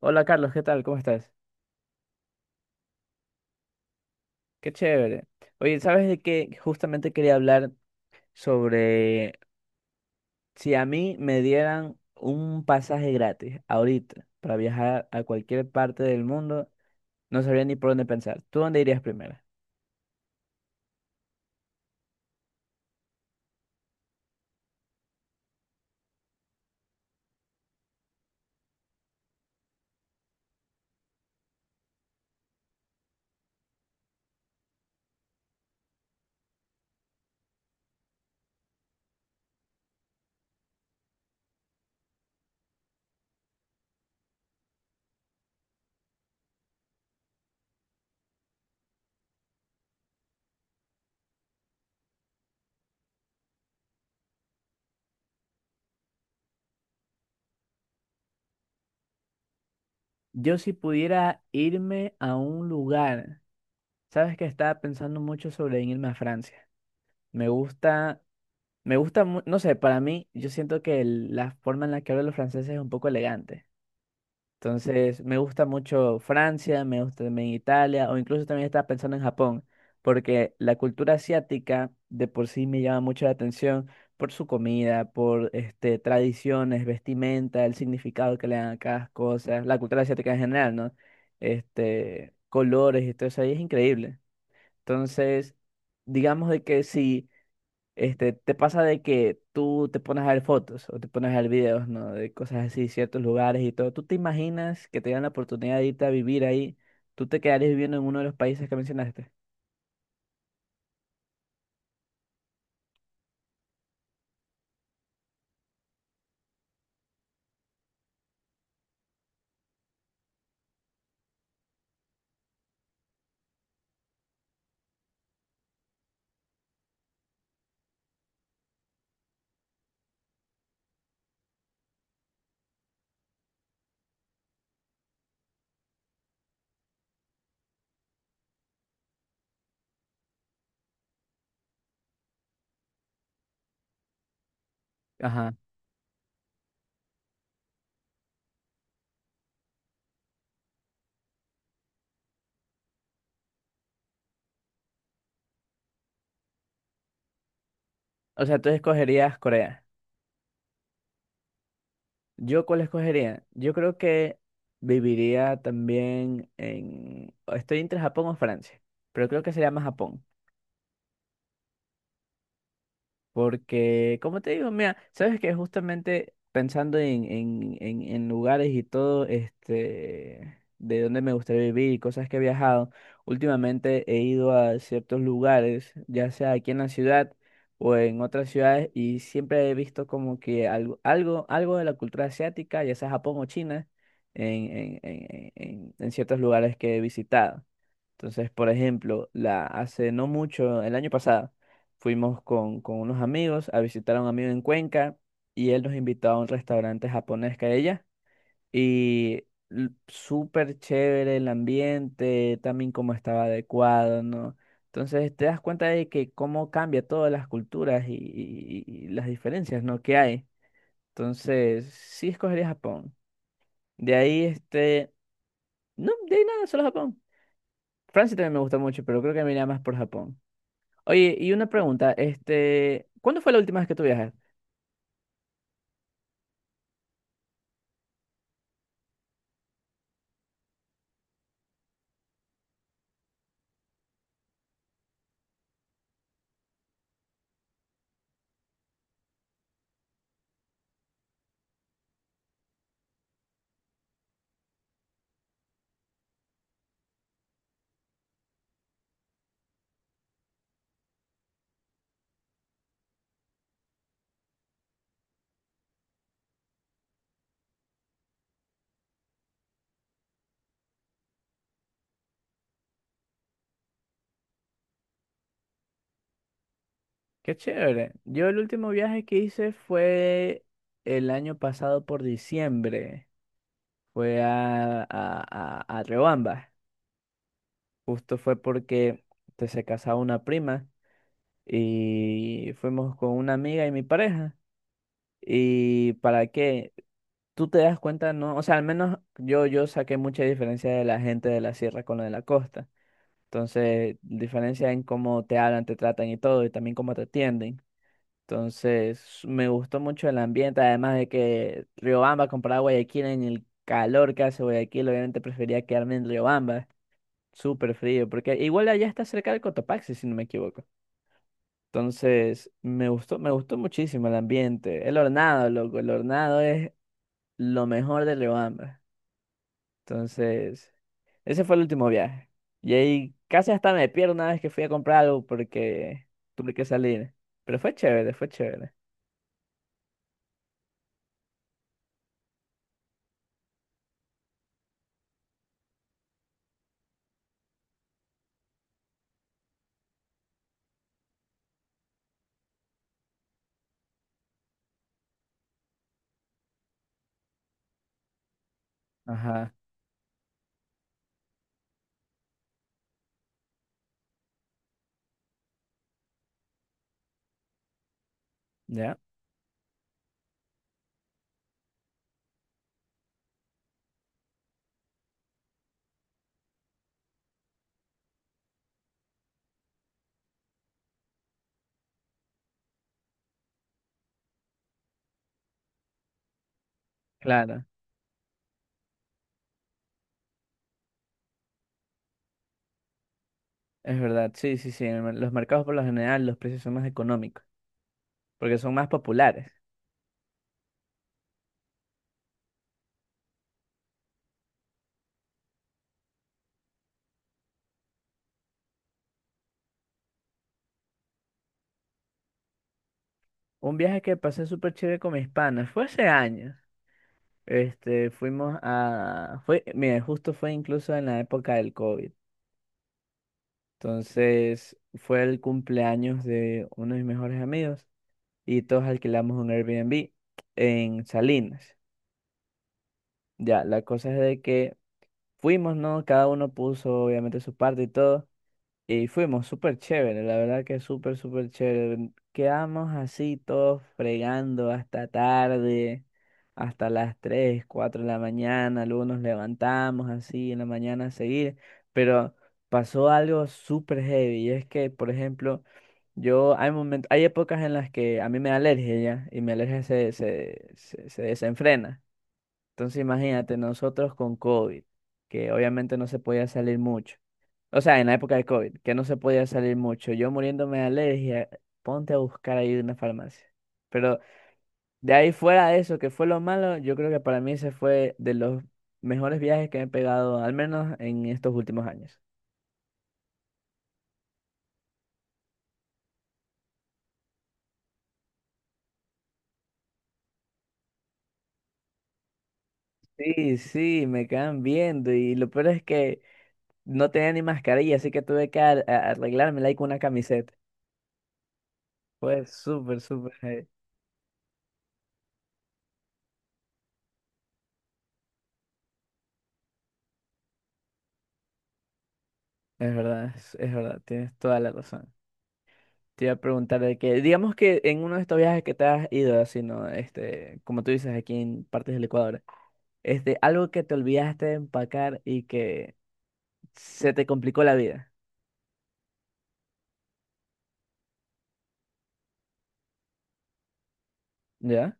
Hola, Carlos, ¿qué tal? ¿Cómo estás? Qué chévere. Oye, ¿sabes de qué? Justamente quería hablar sobre si a mí me dieran un pasaje gratis ahorita para viajar a cualquier parte del mundo, no sabría ni por dónde pensar. ¿Tú dónde irías primero? Yo si pudiera irme a un lugar, sabes que estaba pensando mucho sobre en irme a Francia. Me gusta, me gusta, no sé, para mí yo siento que la forma en la que hablan los franceses es un poco elegante. Entonces, me gusta mucho Francia, me gusta también Italia, o incluso también estaba pensando en Japón, porque la cultura asiática de por sí me llama mucho la atención por su comida, tradiciones, vestimenta, el significado que le dan a cada cosa, la cultura asiática en general, ¿no? Colores y todo eso ahí es increíble. Entonces, digamos de que si te pasa de que tú te pones a ver fotos o te pones a ver videos, ¿no? De cosas así, ciertos lugares y todo. ¿Tú te imaginas que te dan la oportunidad de irte a vivir ahí? ¿Tú te quedarías viviendo en uno de los países que mencionaste? Ajá. O sea, tú escogerías Corea. ¿Yo cuál escogería? Yo creo que viviría también en... Estoy entre Japón o Francia, pero creo que sería más Japón. Porque, como te digo, mira, sabes que justamente pensando en lugares y todo, de dónde me gustaría vivir y cosas que he viajado, últimamente he ido a ciertos lugares, ya sea aquí en la ciudad o en otras ciudades, y siempre he visto como que algo de la cultura asiática, ya sea Japón o China, en, en ciertos lugares que he visitado. Entonces, por ejemplo, hace no mucho, el año pasado. Fuimos con unos amigos a visitar a un amigo en Cuenca y él nos invitó a un restaurante japonés que hay allá. Y súper chévere el ambiente, también como estaba adecuado, ¿no? Entonces te das cuenta de que cómo cambia todas las culturas y las diferencias, ¿no?, que hay. Entonces, sí escogería Japón. De ahí, no, de ahí nada, solo Japón. Francia también me gusta mucho, pero creo que me iría más por Japón. Oye, y una pregunta, ¿cuándo fue la última vez que tú viajaste? Qué chévere. Yo el último viaje que hice fue el año pasado por diciembre. Fue a Riobamba. Justo fue porque se casaba una prima y fuimos con una amiga y mi pareja. ¿Y para qué? Tú te das cuenta, ¿no? O sea, al menos yo, yo saqué mucha diferencia de la gente de la sierra con la de la costa. Entonces, diferencia en cómo te hablan, te tratan y todo, y también cómo te atienden. Entonces, me gustó mucho el ambiente, además de que Riobamba comparado a Guayaquil en el calor que hace Guayaquil, obviamente prefería quedarme en Riobamba, súper frío, porque igual allá está cerca del Cotopaxi, si no me equivoco. Entonces, me gustó muchísimo el ambiente. El hornado, loco, el hornado es lo mejor de Riobamba. Entonces, ese fue el último viaje. Y ahí casi hasta me pierdo una vez que fui a comprar algo porque tuve que salir. Pero fue chévere, fue chévere. Ajá. ¿Ya? Claro, es verdad. Sí, sí, sí. Los mercados por lo general los precios son más económicos porque son más populares. Un viaje que pasé súper chévere con mis panas fue hace años. Fuimos a... Fue, mira, justo fue incluso en la época del COVID. Entonces, fue el cumpleaños de uno de mis mejores amigos y todos alquilamos un Airbnb en Salinas. Ya, la cosa es de que fuimos, ¿no? Cada uno puso obviamente su parte y todo. Y fuimos súper chévere, la verdad que súper, súper chévere. Quedamos así todos fregando hasta tarde, hasta las 3 4 de la mañana. Luego nos levantamos así en la mañana a seguir. Pero pasó algo súper heavy. Y es que, por ejemplo, yo hay momentos, hay épocas en las que a mí me da alergia ya, y mi alergia se desenfrena. Entonces imagínate, nosotros con COVID, que obviamente no se podía salir mucho. O sea, en la época de COVID, que no se podía salir mucho. Yo muriéndome de alergia, ponte a buscar ahí una farmacia. Pero de ahí fuera de eso, que fue lo malo, yo creo que para mí ese fue de los mejores viajes que me he pegado, al menos en estos últimos años. Sí, sí, me quedan viendo y lo peor es que no tenía ni mascarilla, así que tuve que arreglármela ahí con una camiseta. Fue súper, súper. Es verdad, es verdad, tienes toda la razón. Te iba a preguntar de que, digamos que en uno de estos viajes que te has ido, así, ¿no? Como tú dices, aquí en partes del Ecuador, algo que te olvidaste de empacar y que se te complicó la vida, ¿ya?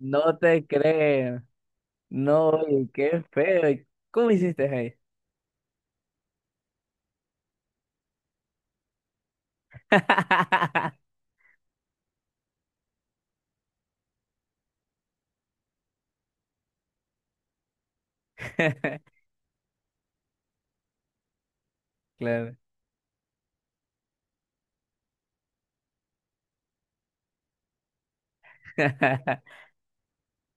No te creo, no, y qué feo, ¿y cómo hiciste ahí? Claro.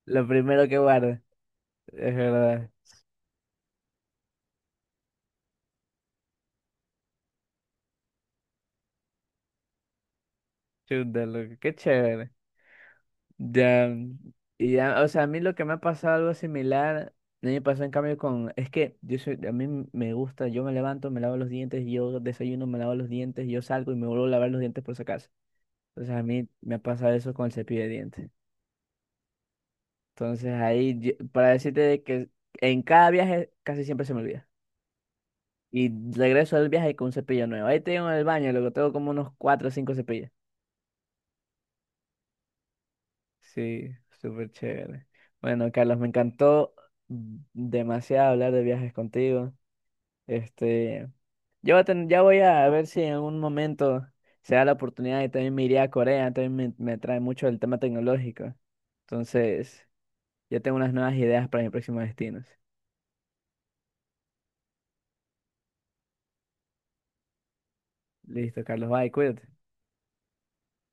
Lo primero que guardo, es verdad. Chuta, loco, qué chévere. Ya, y ya, o sea, a mí lo que me ha pasado algo similar, a mí me pasó en cambio con, es que yo soy, a mí me gusta, yo me levanto, me lavo los dientes, yo desayuno, me lavo los dientes, yo salgo y me vuelvo a lavar los dientes por si acaso. Entonces a mí me ha pasado eso con el cepillo de dientes. Entonces ahí, para decirte de que en cada viaje casi siempre se me olvida. Y regreso del viaje con un cepillo nuevo. Ahí tengo en el baño, luego tengo como unos cuatro o cinco cepillos. Sí, súper chévere. Bueno, Carlos, me encantó demasiado hablar de viajes contigo. Este, yo voy a ya voy a ver si en un momento se da la oportunidad y también me iré a Corea, también me trae mucho el tema tecnológico. Entonces, ya tengo unas nuevas ideas para mis próximos destinos. Listo, Carlos, bye, cuídate.